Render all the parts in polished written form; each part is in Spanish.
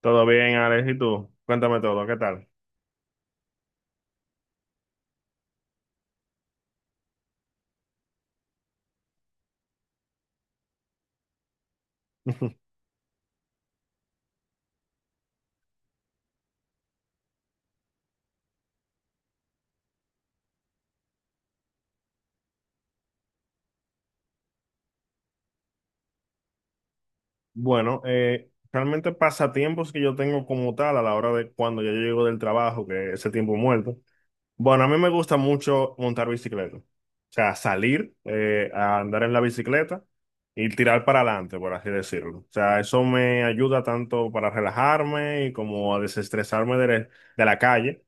Todo bien, Alex, ¿y tú? Cuéntame todo, ¿qué tal? Bueno, realmente pasatiempos que yo tengo como tal a la hora de cuando yo llego del trabajo, que ese tiempo muerto. Bueno, a mí me gusta mucho montar bicicleta. O sea, salir a andar en la bicicleta y tirar para adelante, por así decirlo. O sea, eso me ayuda tanto para relajarme y como a desestresarme de la calle.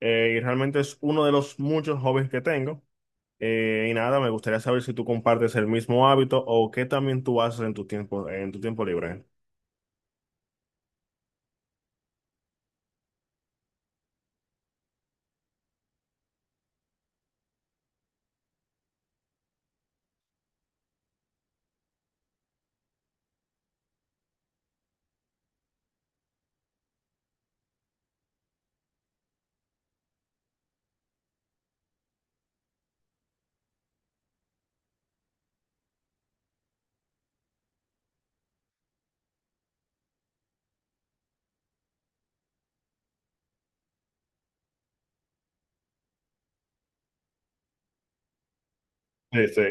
Y realmente es uno de los muchos hobbies que tengo. Y nada, me gustaría saber si tú compartes el mismo hábito o qué también tú haces en tu tiempo libre. Sí, sí.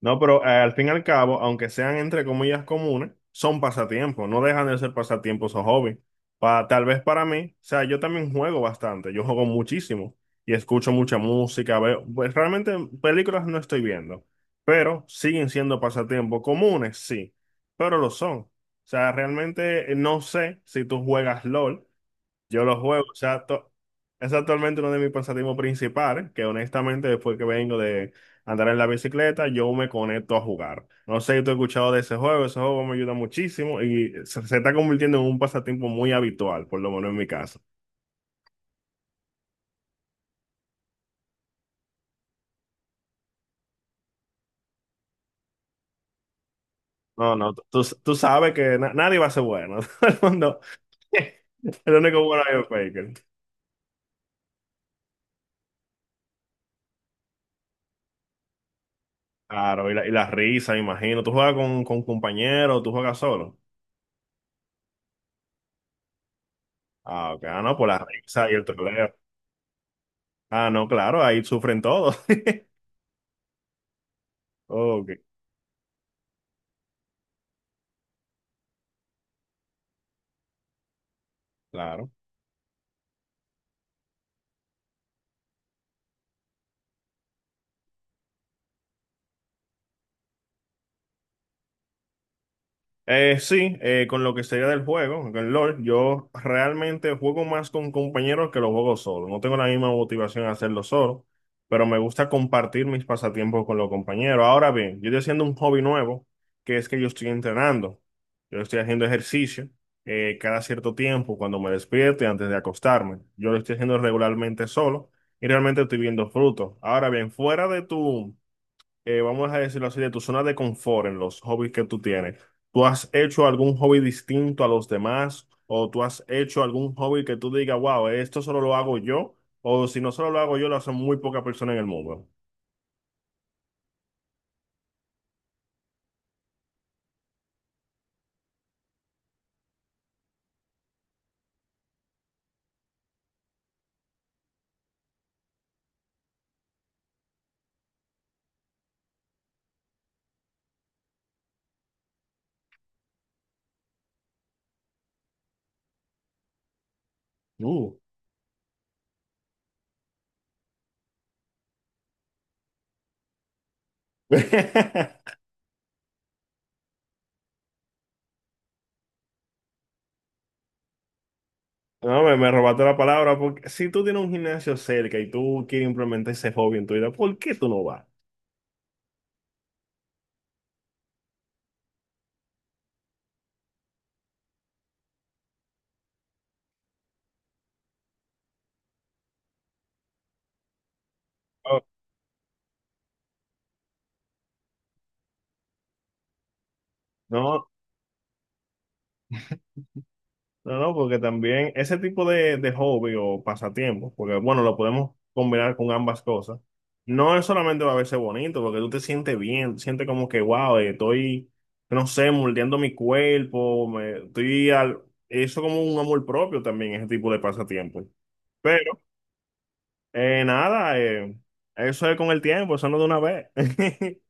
No, pero al fin y al cabo, aunque sean entre comillas comunes, son pasatiempos, no dejan de ser pasatiempos o hobbies. Tal vez para mí, o sea, yo también juego bastante, yo juego muchísimo y escucho mucha música, veo, pues realmente películas no estoy viendo, pero siguen siendo pasatiempos comunes, sí, pero lo son. O sea, realmente no sé si tú juegas LOL. Yo los juego, o sea, es actualmente uno de mis pasatiempos principales, que honestamente después que vengo de andar en la bicicleta, yo me conecto a jugar. No sé si tú has escuchado de ese juego me ayuda muchísimo y se está convirtiendo en un pasatiempo muy habitual, por lo menos en mi caso. No, no, tú sabes que nadie va a ser bueno, todo el mundo, el único bueno es el Faker. Claro, y la risa, me imagino. ¿Tú juegas con compañeros, tú juegas solo? Ah, ok, ah, no, por la risa y el troleo. Ah, no, claro, ahí sufren todos. Ok, claro. Sí, con lo que sería del juego, con el LOL, yo realmente juego más con compañeros que lo juego solo. No tengo la misma motivación a hacerlo solo, pero me gusta compartir mis pasatiempos con los compañeros. Ahora bien, yo estoy haciendo un hobby nuevo, que es que yo estoy entrenando. Yo estoy haciendo ejercicio cada cierto tiempo, cuando me despierto y antes de acostarme. Yo lo estoy haciendo regularmente solo y realmente estoy viendo frutos. Ahora bien, fuera de tu vamos a decirlo así, de tu zona de confort en los hobbies que tú tienes. ¿Tú has hecho algún hobby distinto a los demás? ¿O tú has hecho algún hobby que tú digas, wow, esto solo lo hago yo? O si no solo lo hago yo, lo hacen muy pocas personas en el mundo. Uh. No, me robaste la palabra, porque si tú tienes un gimnasio cerca y tú quieres implementar ese hobby en tu vida, ¿por qué tú no vas? Oh, no, no, no, porque también ese tipo de hobby o pasatiempo, porque bueno, lo podemos combinar con ambas cosas, no es solamente va a verse bonito, porque tú te sientes bien, sientes como que, wow, estoy, no sé, moldeando mi cuerpo, me, estoy al, eso como un amor propio también, ese tipo de pasatiempo. Pero, nada, eso es con el tiempo, eso no de una vez.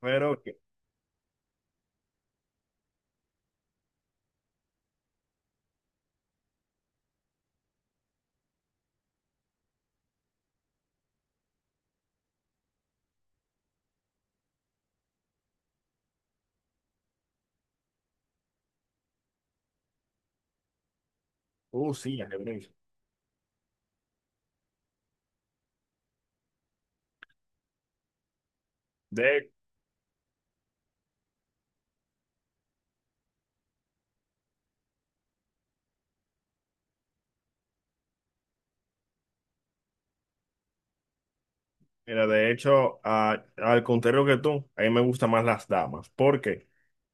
Pero, sí, ajedrez. De Mira, de hecho, al contrario que tú, a mí me gustan más las damas, porque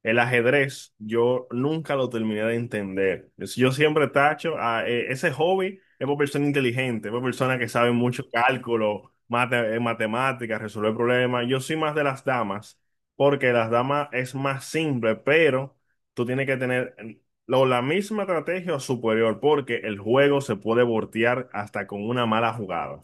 el ajedrez yo nunca lo terminé de entender. Yo siempre tacho, ese hobby es por persona inteligente, es por persona que sabe mucho cálculo, mate, matemáticas, resolver problemas. Yo soy más de las damas, porque las damas es más simple, pero tú tienes que tener la misma estrategia o superior, porque el juego se puede voltear hasta con una mala jugada.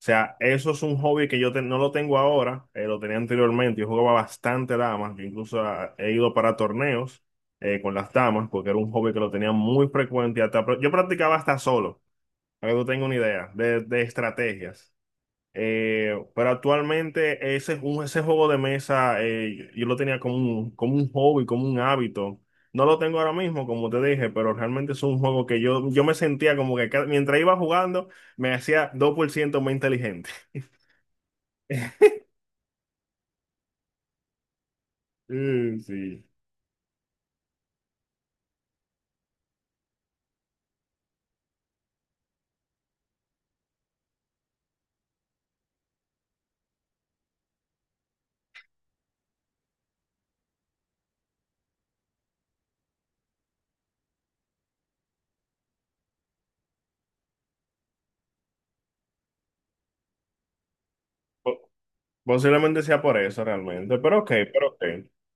O sea, eso es un hobby que yo no lo tengo ahora, lo tenía anteriormente. Yo jugaba bastante damas, yo incluso ah, he ido para torneos con las damas, porque era un hobby que lo tenía muy frecuente. Hasta, yo practicaba hasta solo, para que tú tengas una idea de estrategias. Pero actualmente ese, ese juego de mesa yo lo tenía como un hobby, como un hábito. No lo tengo ahora mismo, como te dije, pero realmente es un juego que yo me sentía como que mientras iba jugando me hacía 2% más inteligente. Mm, sí. Po- Posiblemente sea por eso realmente, pero ok, pero ok.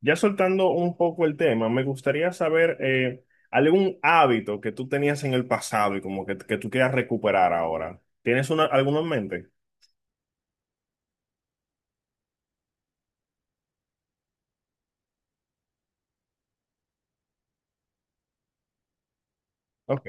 Ya soltando un poco el tema, me gustaría saber algún hábito que tú tenías en el pasado y como que tú quieras recuperar ahora. ¿Tienes una, alguno en mente? Ok,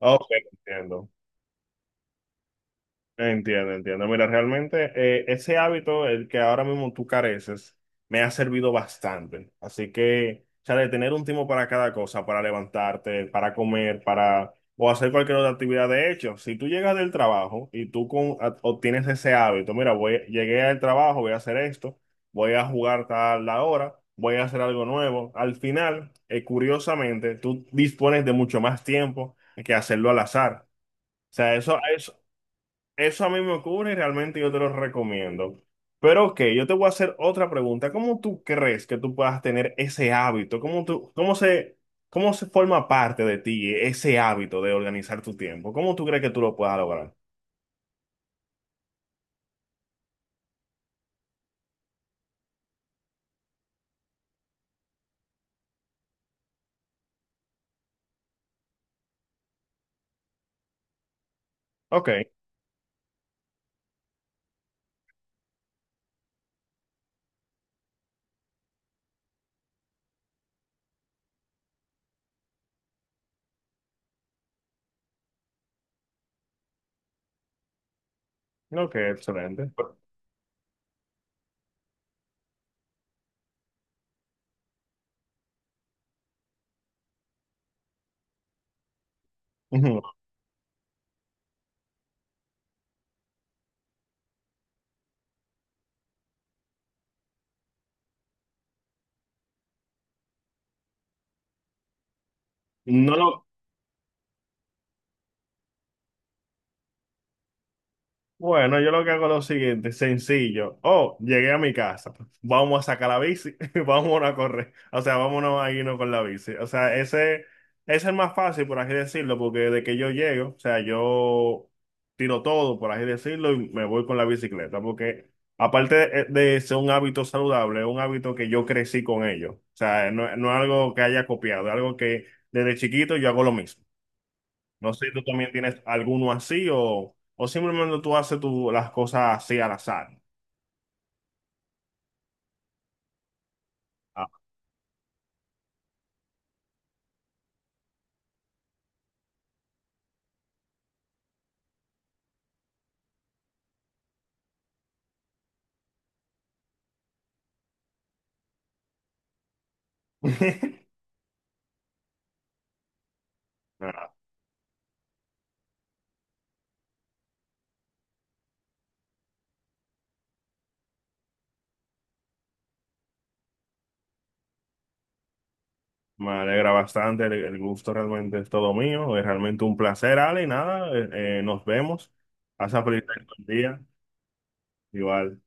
ok, entiendo. Entiendo, entiendo. Mira, realmente ese hábito, el que ahora mismo tú careces, me ha servido bastante. Así que, o sea, de tener un tiempo para cada cosa, para levantarte, para comer, para o hacer cualquier otra actividad. De hecho, si tú llegas del trabajo y tú con, obtienes ese hábito, mira, voy, llegué al trabajo, voy a hacer esto, voy a jugar tal la hora, voy a hacer algo nuevo. Al final, curiosamente, tú dispones de mucho más tiempo que hacerlo al azar. O sea, eso a mí me ocurre y realmente yo te lo recomiendo. Pero ok, yo te voy a hacer otra pregunta. ¿Cómo tú crees que tú puedas tener ese hábito? ¿Cómo tú, cómo se forma parte de ti ese hábito de organizar tu tiempo? ¿Cómo tú crees que tú lo puedas lograr? Ok, ok, excelente. Ujú. No lo, bueno, yo lo que hago es lo siguiente, sencillo. Oh, llegué a mi casa. Vamos a sacar la bici, vámonos a correr. O sea, vámonos a irnos con la bici. O sea, ese es el más fácil, por así decirlo, porque de que yo llego, o sea, yo tiro todo, por así decirlo, y me voy con la bicicleta. Porque aparte de ser un hábito saludable, es un hábito que yo crecí con ello. O sea, no, no es algo que haya copiado, es algo que desde chiquito yo hago lo mismo. No sé si tú también tienes alguno así o simplemente tú haces las cosas así al azar. Ah. Nada, me alegra bastante, el gusto realmente es todo mío, es realmente un placer, Ale, y nada, nos vemos. Pasa feliz resto del día, igual.